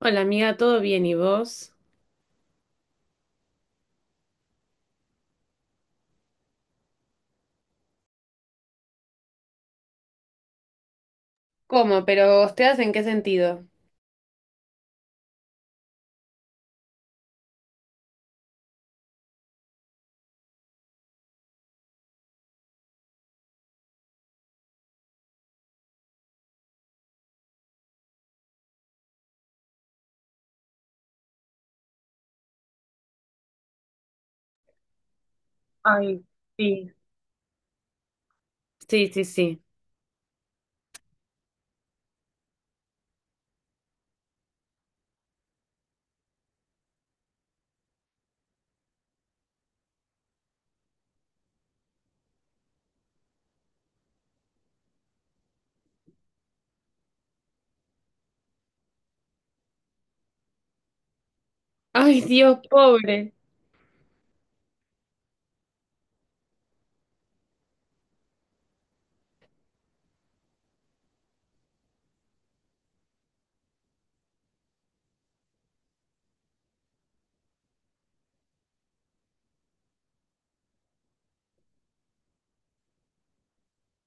Hola amiga, ¿todo bien y vos? ¿Cómo? ¿Pero ustedes en qué sentido? Ay, sí. Sí, sí, sí. Ay, Dios, pobre.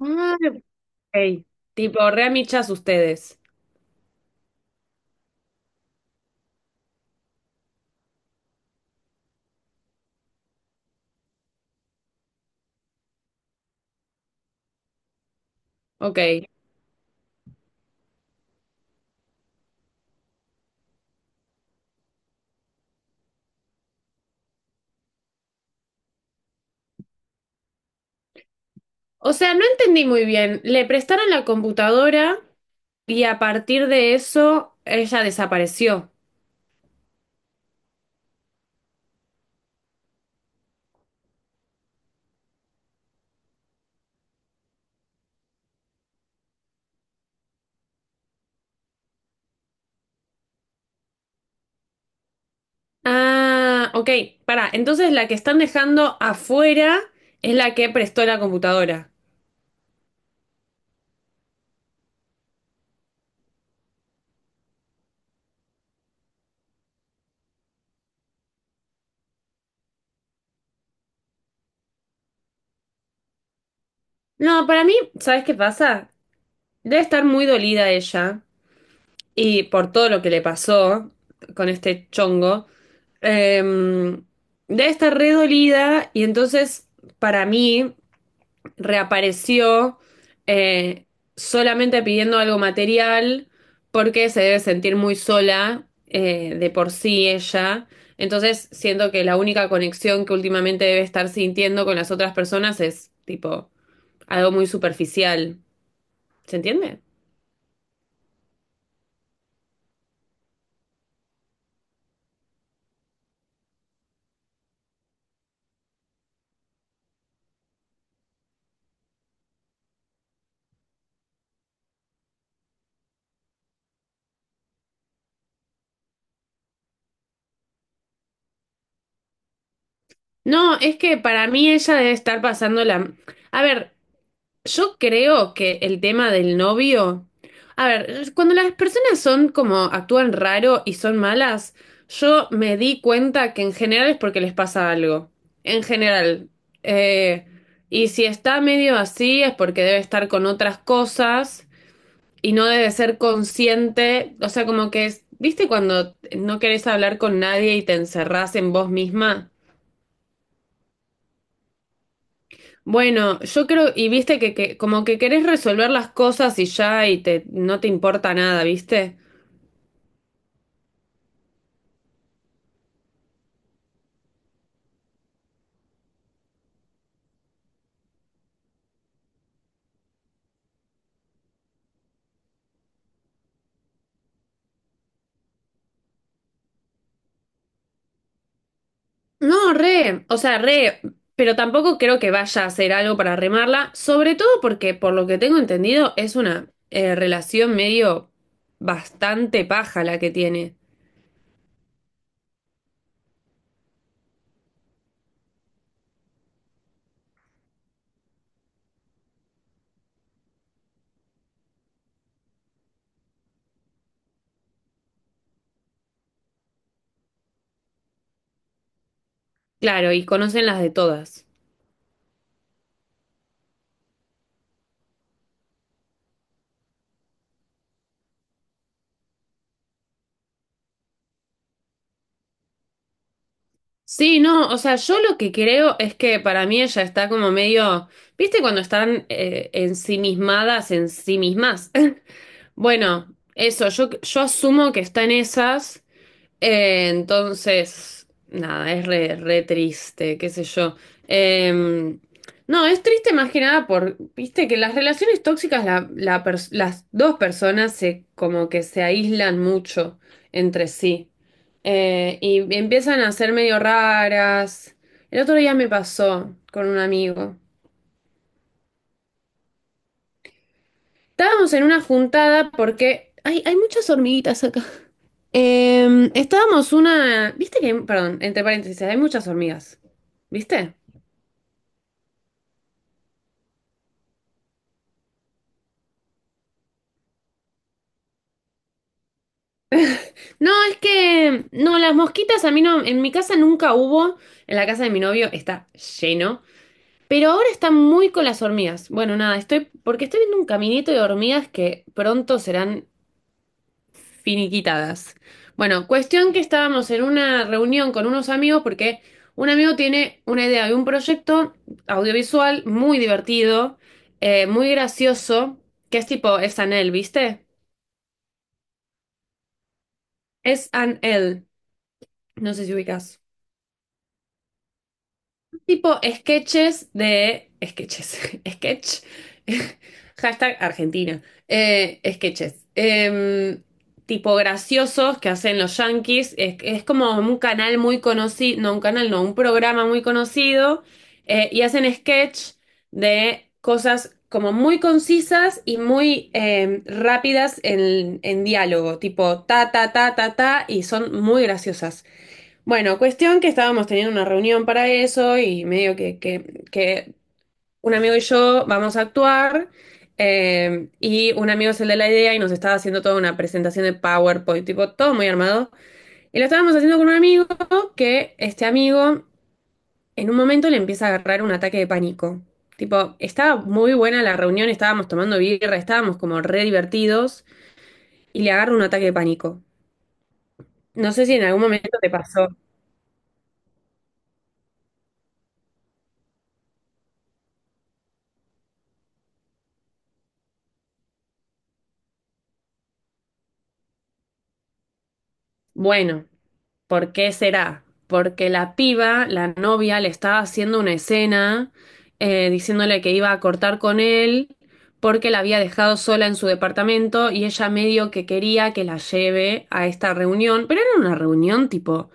Ay, ok. Tipo, re amichas ustedes. Ok. O sea, no entendí muy bien. Le prestaron la computadora y a partir de eso ella desapareció. Ah, ok. Pará, entonces la que están dejando afuera es la que prestó la computadora. No, para mí, ¿sabes qué pasa? Debe estar muy dolida ella. Y por todo lo que le pasó con este chongo, eh, debe estar re dolida y entonces para mí reapareció eh, solamente pidiendo algo material porque se debe sentir muy sola, de por sí ella. Entonces siento que la única conexión que últimamente debe estar sintiendo con las otras personas es tipo algo muy superficial. ¿Se entiende? No, es que para mí ella debe estar pasando la... A ver, yo creo que el tema del novio... A ver, cuando las personas son como actúan raro y son malas, yo me di cuenta que en general es porque les pasa algo. En general. Eh, y si está medio así es porque debe estar con otras cosas y no debe ser consciente. O sea, como que es... ¿Viste cuando no querés hablar con nadie y te encerrás en vos misma? Bueno, yo creo, y viste que como que querés resolver las cosas y ya y te no te importa nada, ¿viste? No, re, o sea, re, pero tampoco creo que vaya a hacer algo para remarla, sobre todo porque por lo que tengo entendido es una relación medio bastante paja la que tiene. Claro, y conocen las de todas. Sí, no, o sea, yo lo que creo es que para mí ella está como medio, ¿viste cuando están ensimismadas en sí mismas? Bueno, eso, yo asumo que está en esas, entonces, nada, es re, re triste, qué sé yo. Eh, no, es triste más que nada por, viste, que las relaciones tóxicas, las dos personas se, como que se aíslan mucho entre sí. Y empiezan a ser medio raras. El otro día me pasó con un amigo. Estábamos en una juntada porque hay muchas hormiguitas acá. Estábamos una. ¿Viste que... Perdón, entre paréntesis, hay muchas hormigas. ¿Viste? No, es que... No, las mosquitas a mí no. En mi casa nunca hubo. En la casa de mi novio está lleno. Pero ahora están muy con las hormigas. Bueno, nada, estoy... Porque estoy viendo un caminito de hormigas que pronto serán finiquitadas. Bueno, cuestión que estábamos en una reunión con unos amigos porque un amigo tiene una idea de un proyecto audiovisual muy divertido, muy gracioso, que es tipo, es Anel, ¿viste? Es Anel, no sé si ubicas. Tipo sketches de... Sketches. Sketch. Hashtag Argentina. Sketches. Tipo graciosos que hacen los Yankees. Es como un canal muy conocido. No, un canal, no, un programa muy conocido. Y hacen sketch de cosas como muy concisas y muy rápidas en diálogo. Tipo ta, ta, ta, ta, ta. Y son muy graciosas. Bueno, cuestión que estábamos teniendo una reunión para eso y medio que un amigo y yo vamos a actuar, y un amigo es el de la idea y nos estaba haciendo toda una presentación de PowerPoint, tipo todo muy armado. Y lo estábamos haciendo con un amigo que este amigo en un momento le empieza a agarrar un ataque de pánico. Tipo, estaba muy buena la reunión, estábamos tomando birra, estábamos como re divertidos y le agarra un ataque de pánico. No sé si en algún momento te pasó. Bueno. ¿Por qué será? Porque la piba, la novia, le estaba haciendo una escena, diciéndole que iba a cortar con él porque la había dejado sola en su departamento y ella medio que quería que la lleve a esta reunión, pero era una reunión tipo,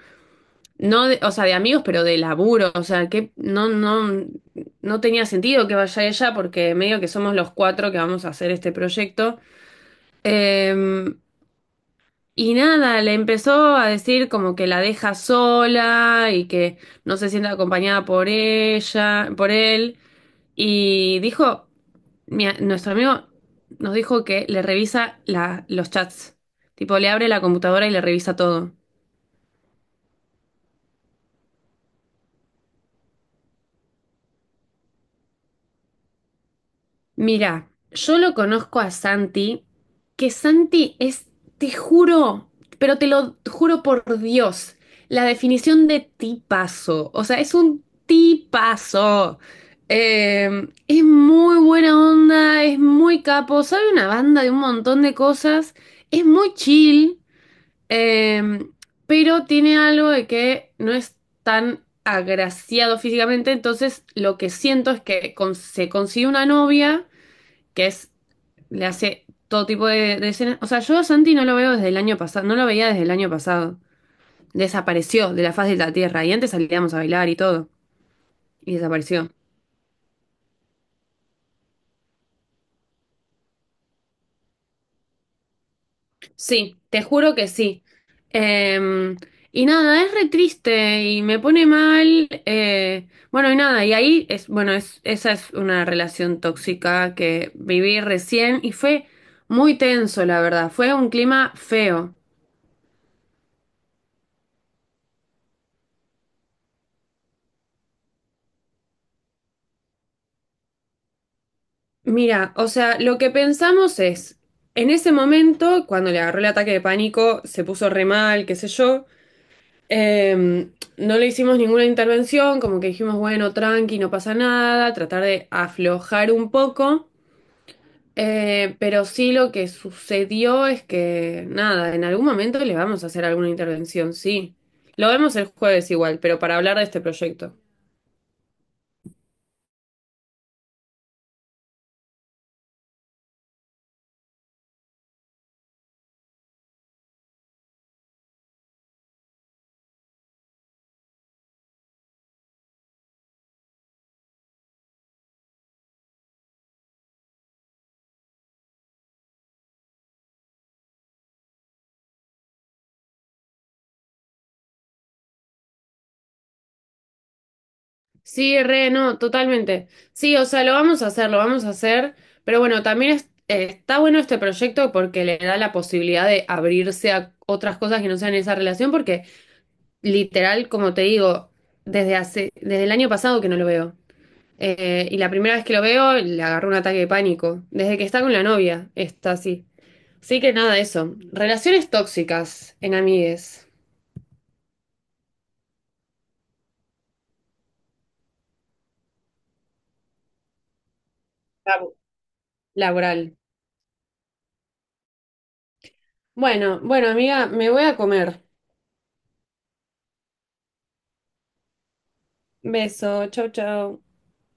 no de... o sea, de amigos, pero de laburo, o sea, que no, no tenía sentido que vaya ella porque medio que somos los cuatro que vamos a hacer este proyecto. Em, y nada, le empezó a decir como que la deja sola y que no se siente acompañada por ella, por él. Y dijo, mi nuestro amigo nos dijo que le revisa la, los chats. Tipo, le abre la computadora y le revisa todo. Mira, yo lo conozco a Santi, que Santi es, te juro, pero te lo juro por Dios, la definición de tipazo. O sea, es un tipazo. Es muy buena onda, es muy capo, sabe una banda de un montón de cosas, es muy chill, eh, pero tiene algo de que no es tan agraciado físicamente, entonces lo que siento es que se consigue una novia que es, le hace todo tipo de escenas. O sea, yo a Santi no lo veo desde el año pasado, no lo veía desde el año pasado. Desapareció de la faz de la tierra y antes salíamos a bailar y todo. Y desapareció. Sí, te juro que sí. Eh, y nada, es re triste y me pone mal. Bueno, y nada, y ahí es, bueno, es, esa es una relación tóxica que viví recién y fue muy tenso, la verdad. Fue un clima feo. Mira, o sea, lo que pensamos es, en ese momento, cuando le agarró el ataque de pánico, se puso re mal, qué sé yo, eh, no le hicimos ninguna intervención, como que dijimos, bueno, tranqui, no pasa nada, tratar de aflojar un poco, pero sí lo que sucedió es que, nada, en algún momento le vamos a hacer alguna intervención, sí. Lo vemos el jueves igual, pero para hablar de este proyecto. Sí, re, no, totalmente. Sí, o sea, lo vamos a hacer, lo vamos a hacer, pero bueno, también está bueno este proyecto porque le da la posibilidad de abrirse a otras cosas que no sean esa relación, porque literal, como te digo, desde hace, desde el año pasado que no lo veo. Y la primera vez que lo veo, le agarró un ataque de pánico. Desde que está con la novia, está así. Así que nada, eso. Relaciones tóxicas en amigues. Labu- Laboral. Bueno, bueno, amiga, me voy a comer. Beso, chau, chau.